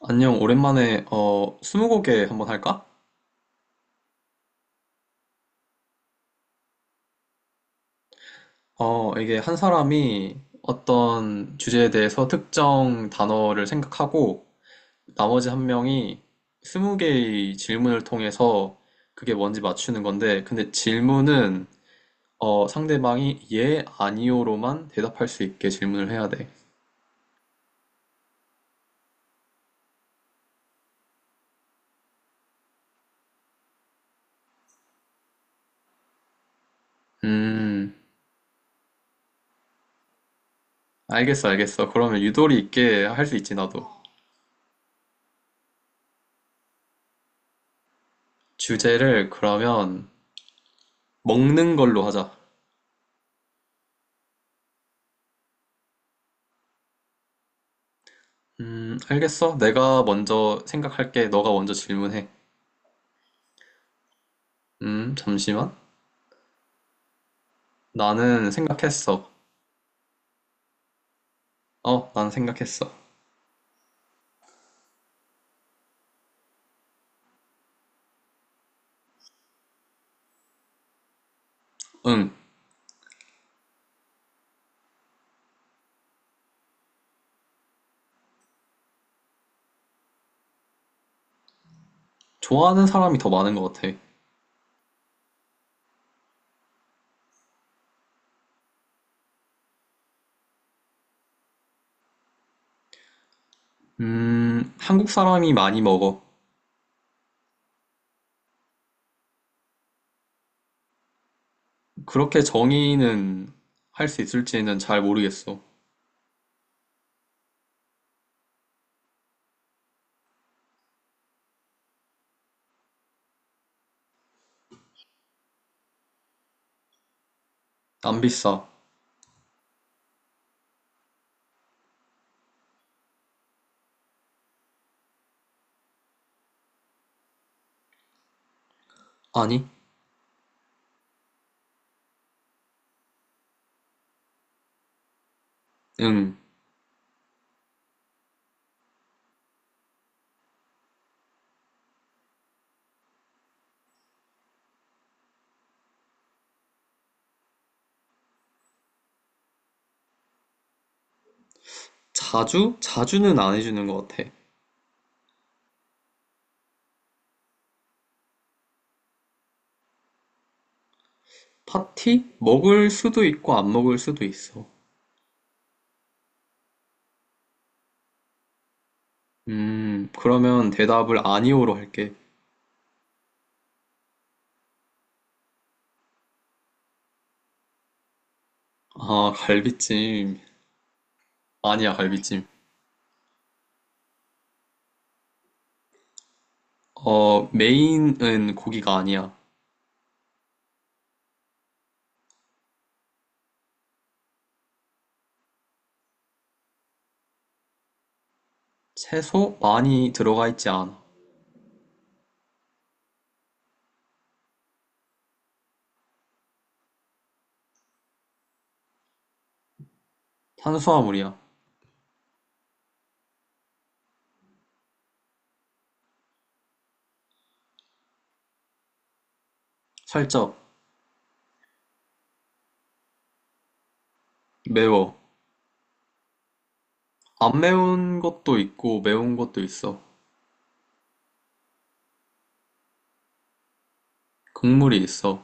안녕, 오랜만에, 스무고개 한번 할까? 이게 한 사람이 어떤 주제에 대해서 특정 단어를 생각하고, 나머지 한 명이 스무 개의 질문을 통해서 그게 뭔지 맞추는 건데, 근데 질문은, 상대방이 예, 아니요로만 대답할 수 있게 질문을 해야 돼. 음, 알겠어, 알겠어. 그러면 유도리 있게 할 수 있지, 나도. 주제를 그러면 먹는 걸로 하자. 알겠어. 내가 먼저 생각할게. 너가 먼저 질문해. 잠시만. 나는 생각했어. 난 생각했어. 응, 좋아하는 사람이 더 많은 것 같아. 한국 사람이 많이 먹어. 그렇게 정의는 할 수 있을지는 잘 모르겠어. 안 비싸. 아니, 응. 자주? 자주는 안 해주는 것 같아. 파티? 먹을 수도 있고 안 먹을 수도 있어. 그러면 대답을 아니오로 할게. 아, 갈비찜. 아니야, 갈비찜. 어, 메인은 고기가 아니야. 채소 많이 들어가 있지 않아. 탄수화물이야. 살짝 매워. 안 매운 것도 있고 매운 것도 있어. 국물이 있어.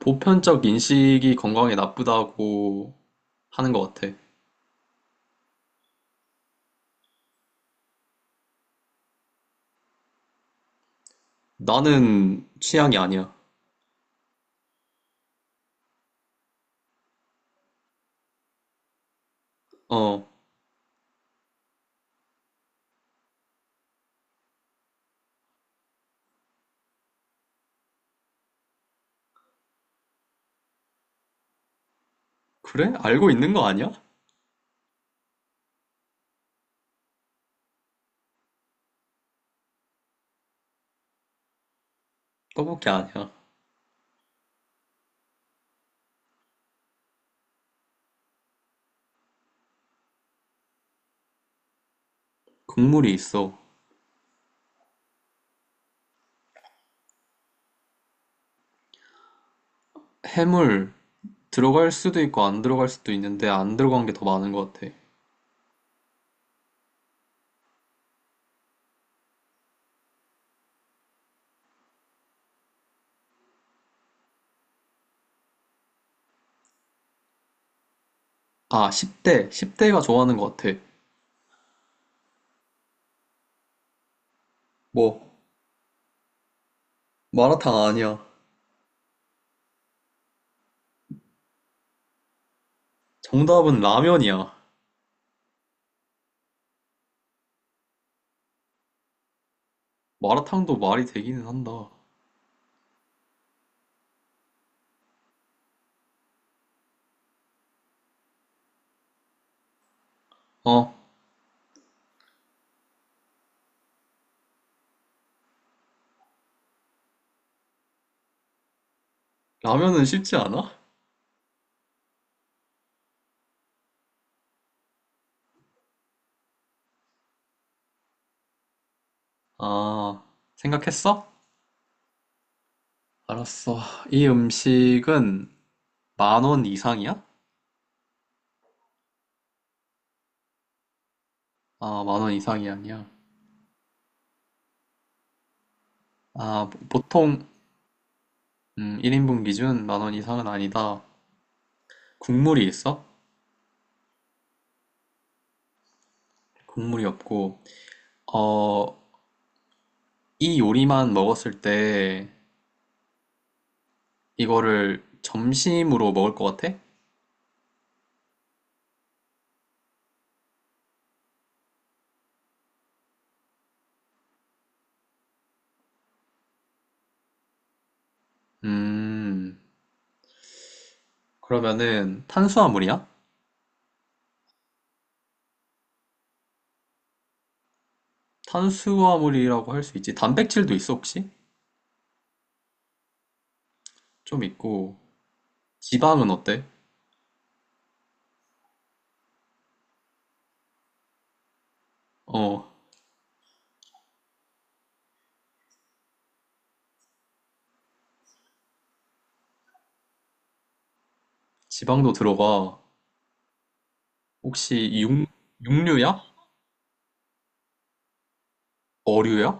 보편적 인식이 건강에 나쁘다고 하는 것 같아. 나는 취향이 아니야. 어, 그래? 알고 있는 거 아니야? 떡볶이 아니야. 국물이 있어. 해물 들어갈 수도 있고 안 들어갈 수도 있는데 안 들어간 게 더 많은 것 같아. 아, 10대. 10대가 좋아하는 것 같아. 뭐, 마라탕 아니야. 정답은 라면이야. 마라탕도 말이 되기는 한다. 어, 라면은 쉽지 않아? 아, 생각했어? 알았어. 이 음식은 만원 이상이야? 아, 만원 이상이 아니야. 아, 통 1인분 기준 만원 이상은 아니다. 국물이 있어? 국물이 없고. 어, 이 요리만 먹었을 때 이거를 점심으로 먹을 것 같아? 음, 그러면은 탄수화물이야? 탄수화물이라고 할 수 있지. 단백질도 있어, 혹시? 좀 있고. 지방은 어때? 어, 지방도 들어가. 혹시 육류야? 어류야?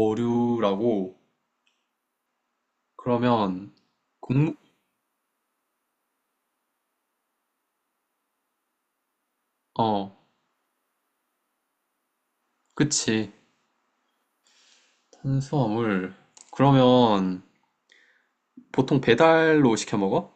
어류라고. 그러면, 곡물, 어, 그치. 탄수화물. 그러면 보통 배달로 시켜 먹어?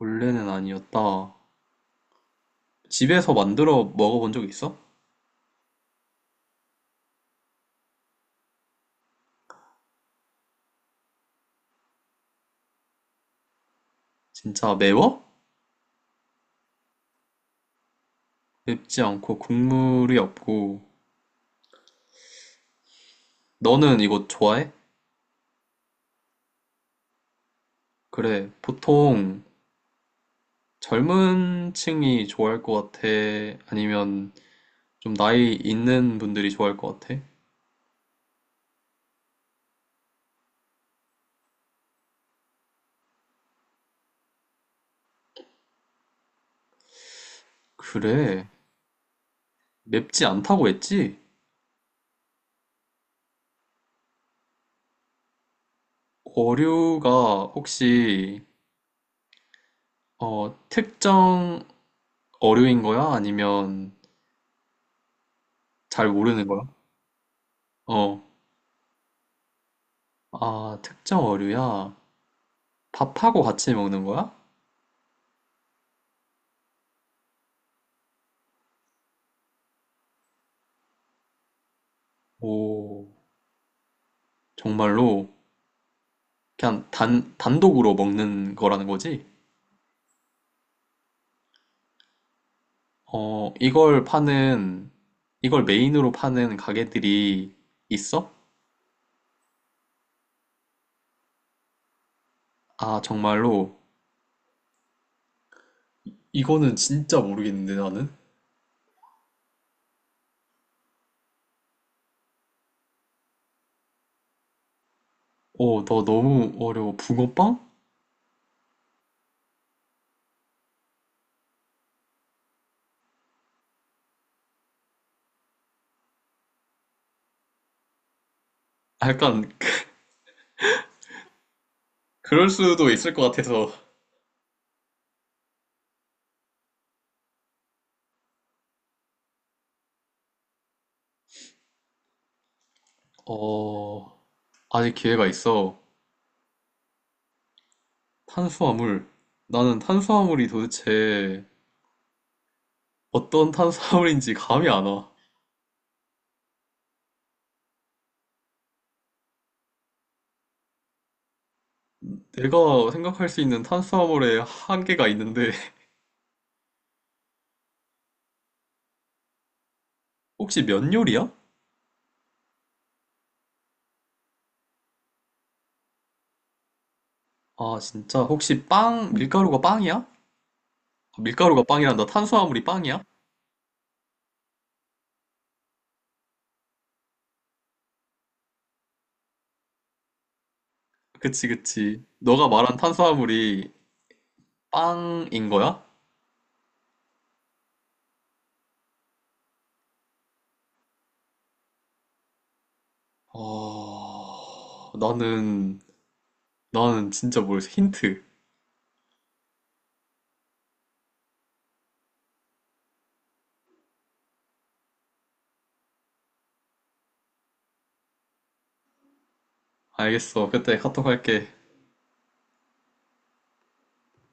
원래는 아니었다. 집에서 만들어 먹어본 적 있어? 진짜 매워? 맵지 않고 국물이 없고. 너는 이거 좋아해? 그래, 보통 젊은 층이 좋아할 것 같아? 아니면 좀 나이 있는 분들이 좋아할 것 같아? 그래, 맵지 않다고 했지? 어류가 혹시 특정 어류인 거야? 아니면 잘 모르는 거야? 어, 아, 특정 어류야? 밥하고 같이 먹는 거야? 오, 정말로 그냥 단독으로 먹는 거라는 거지? 어, 이걸 메인으로 파는 가게들이 있어? 아, 정말로. 이거는 진짜 모르겠는데, 나는? 어, 너 너무 어려워. 붕어빵? 아, 약간, 그럴 수도 있을 것 같아서. 어, 아직 기회가 있어. 탄수화물. 나는 탄수화물이 도대체 어떤 탄수화물인지 감이 안 와. 내가 생각할 수 있는 탄수화물의 한계가 있는데, 혹시 면 요리야? 아, 진짜. 혹시 빵, 밀가루가 빵이야? 밀가루가 빵이란다. 탄수화물이 빵이야? 그치, 그치. 너가 말한 탄수화물이 빵인 거야? 어, 나는, 나는 진짜 모르겠어. 힌트. 알겠어. 그때 카톡 할게.